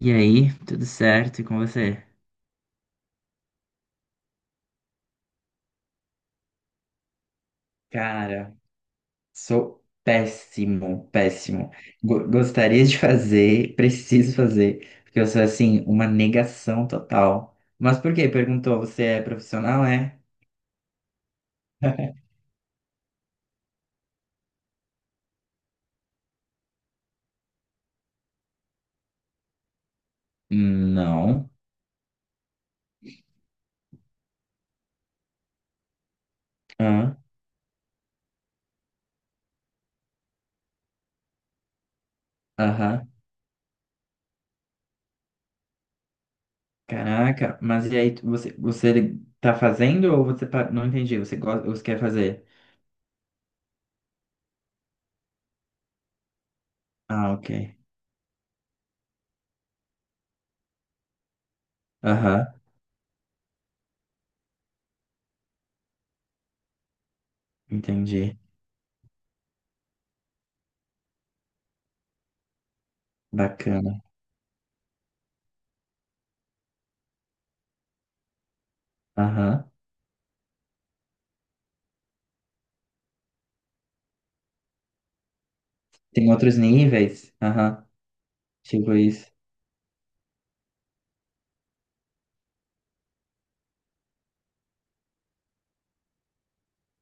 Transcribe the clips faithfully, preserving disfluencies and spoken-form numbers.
E aí, tudo certo? E com você? Cara, sou péssimo, péssimo. Go- gostaria de fazer, preciso fazer, porque eu sou assim, uma negação total. Mas por quê? Perguntou, você é profissional, é? Não. Ah. Aham. Caraca, mas e aí, tu- você, você tá fazendo ou você pa- não entendi, você gosta, você quer fazer? Ah, ok. Aham, entendi. Bacana. Aham. Tem outros níveis? Aham, tipo isso.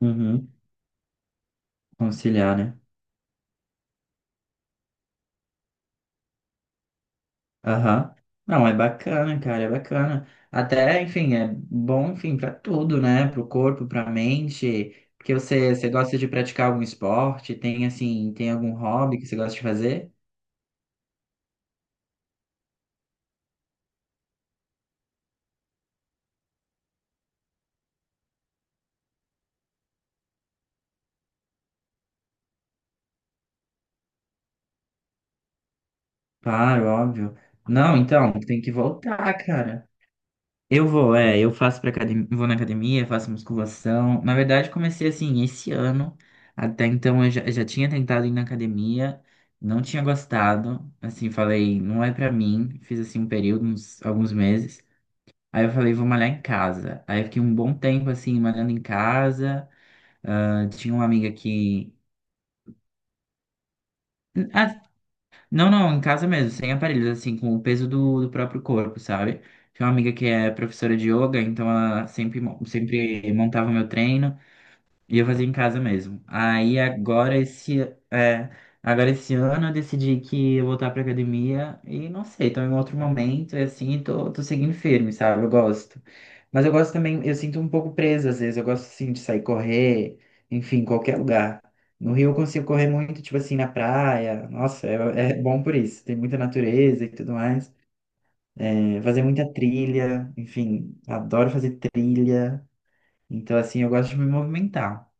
Uhum. Conciliar, né? Aham. Não, é bacana, cara, é bacana. Até, enfim, é bom, enfim, pra tudo, né? Pro corpo, pra mente. Porque você, você gosta de praticar algum esporte? Tem, assim, tem algum hobby que você gosta de fazer? Claro, óbvio. Não, então, tem que voltar, cara. Eu vou, é, eu faço pra academia, vou na academia, faço musculação. Na verdade, comecei assim esse ano. Até então eu já, eu já tinha tentado ir na academia, não tinha gostado. Assim, falei, não é pra mim. Fiz assim um período, uns, alguns meses. Aí eu falei, vou malhar em casa. Aí eu fiquei um bom tempo assim, malhando em casa. Ah, tinha uma amiga que. ah, Não, não, em casa mesmo, sem aparelhos, assim, com o peso do, do próprio corpo, sabe? Tinha uma amiga que é professora de yoga, então ela sempre, mo- sempre montava o meu treino. E eu fazia em casa mesmo. Aí agora esse, é, agora esse ano eu decidi que ia voltar pra academia e não sei, tô em outro momento e assim, tô, tô seguindo firme, sabe? Eu gosto. Mas eu gosto também, eu sinto um pouco preso às vezes, eu gosto assim de sair correr, enfim, em qualquer lugar. No Rio eu consigo correr muito, tipo assim, na praia. Nossa, é, é bom por isso. Tem muita natureza e tudo mais. É, fazer muita trilha, enfim, adoro fazer trilha. Então, assim, eu gosto de me movimentar.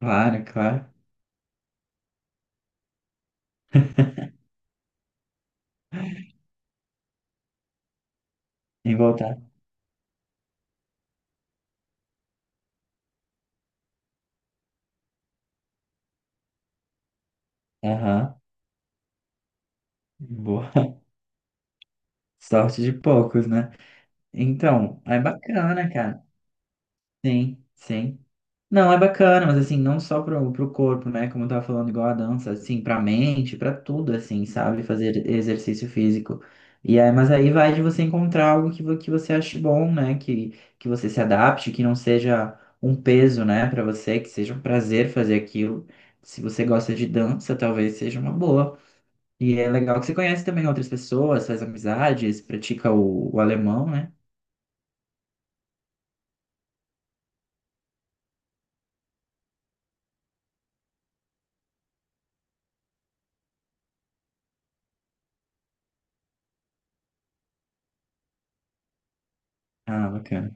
Claro, claro. E voltar. Aham. Boa. Sorte de poucos, né? Então, é bacana, cara. Sim, sim. Não, é bacana, mas assim, não só pro, pro corpo, né? Como eu tava falando, igual a dança, assim, pra mente, pra tudo, assim, sabe? Fazer exercício físico. E aí, mas aí vai de você encontrar algo que, vo- que você ache bom, né? Que, que você se adapte, que não seja um peso, né, pra você, que seja um prazer fazer aquilo. Se você gosta de dança, talvez seja uma boa. E é legal que você conhece também outras pessoas, faz amizades, pratica o, o alemão, né? Ah, bacana.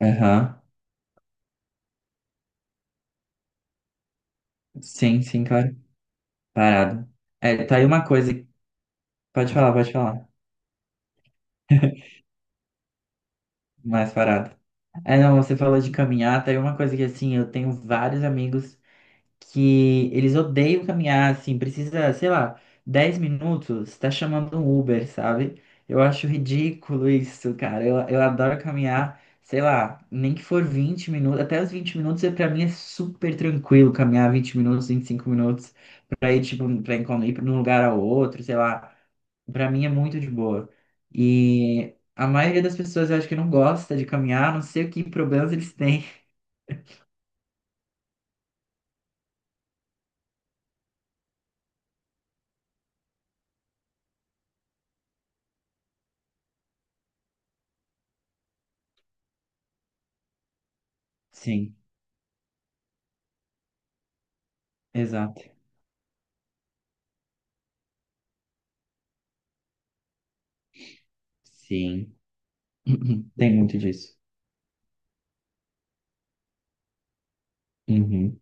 Aham. Sim, sim, claro. Parado. É, tá aí uma coisa. Pode falar, pode falar. Mais parado. É, não, você falou de caminhar, tá aí uma coisa que assim, eu tenho vários amigos, que eles odeiam caminhar, assim, precisa, sei lá, dez minutos, tá chamando um Uber, sabe? Eu acho ridículo isso, cara. Eu, eu adoro caminhar, sei lá, nem que for vinte minutos, até os vinte minutos é, pra mim é super tranquilo caminhar vinte minutos, vinte e cinco minutos, pra ir, tipo, pra encon- ir de um lugar ao outro, sei lá. Pra mim é muito de boa. E a maioria das pessoas eu acho que não gosta de caminhar, não sei o que problemas eles têm. Sim, exato. Sim. Uhum. Tem muito disso. Uhum.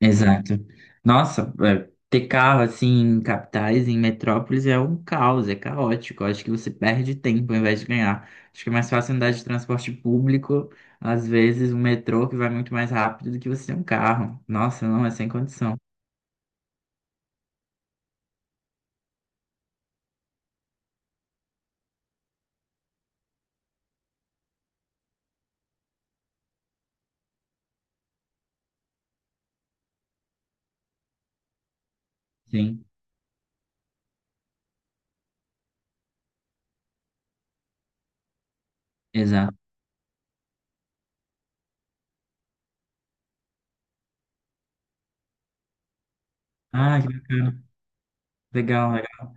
Exato. Nossa, é, ter carro assim em capitais, em metrópoles é um caos, é caótico. Eu acho que você perde tempo ao invés de ganhar. Acho que é mais fácil andar de transporte público, às vezes um metrô que vai muito mais rápido do que você ter um carro. Nossa, não, é sem condição. Sim, exato. Ah, que bacana. Legal, legal.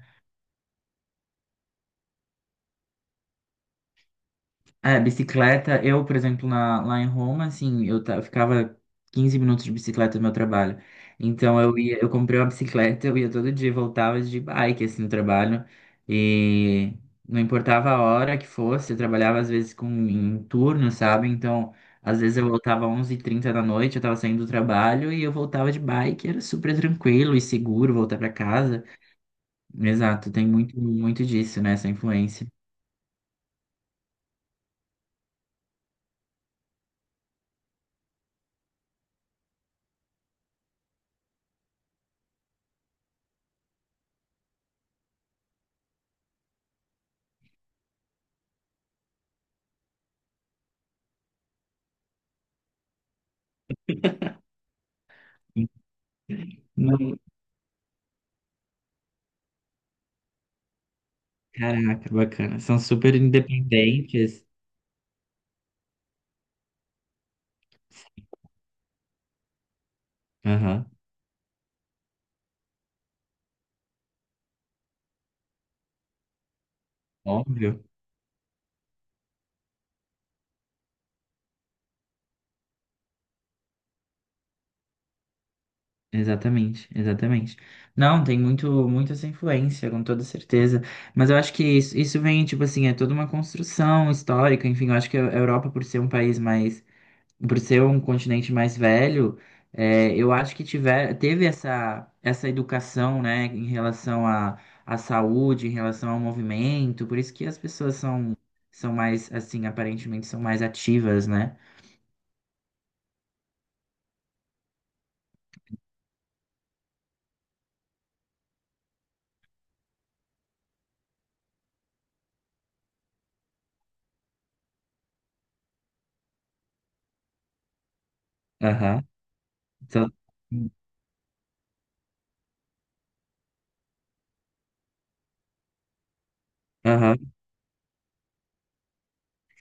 É, bicicleta, eu, por exemplo, na- lá em Roma, assim, eu, ta- eu ficava quinze minutos de bicicleta no meu trabalho. Então eu ia, eu comprei uma bicicleta, eu ia todo dia, voltava de bike, assim, no trabalho. E não importava a hora que fosse, eu trabalhava às vezes com, em turno, sabe? Então, às vezes eu voltava onze e trinta da noite, eu tava saindo do trabalho e eu voltava de bike, era super tranquilo e seguro voltar pra casa. Exato, tem muito, muito disso, né, essa influência. Não, caraca, bacana. São super independentes. Aham, óbvio. Exatamente, exatamente. Não, tem muito, muito essa influência, com toda certeza. Mas eu acho que isso, isso vem, tipo assim, é toda uma construção histórica. Enfim, eu acho que a Europa, por ser um país mais por ser um continente mais velho, é, eu acho que tiver, teve essa, essa, educação, né, em relação à, à saúde, em relação ao movimento, por isso que as pessoas são, são mais, assim, aparentemente são mais ativas, né? Aham. Então, aham.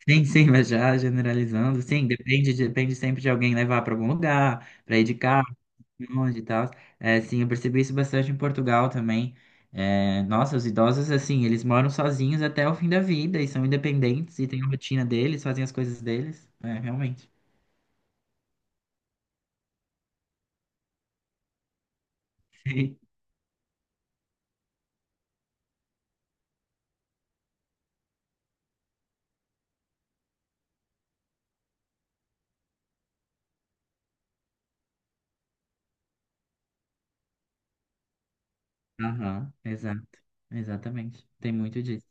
Sim, sim, mas já generalizando, sim, depende, depende sempre de alguém levar para algum lugar, para ir de carro, longe e tal. É, sim, eu percebi isso bastante em Portugal também. É, nossa, os idosos, assim, eles moram sozinhos até o fim da vida e são independentes e têm a rotina deles, fazem as coisas deles. É, realmente. Sim. Aham, exato. Exatamente. Tem muito disso.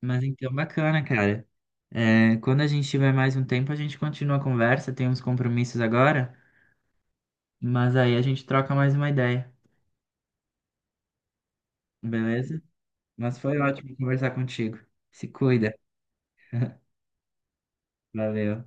Mas então, bacana, cara. É, quando a gente tiver mais um tempo, a gente continua a conversa. Tem uns compromissos agora, mas aí a gente troca mais uma ideia, beleza? Mas foi ótimo conversar contigo. Se cuida. Valeu.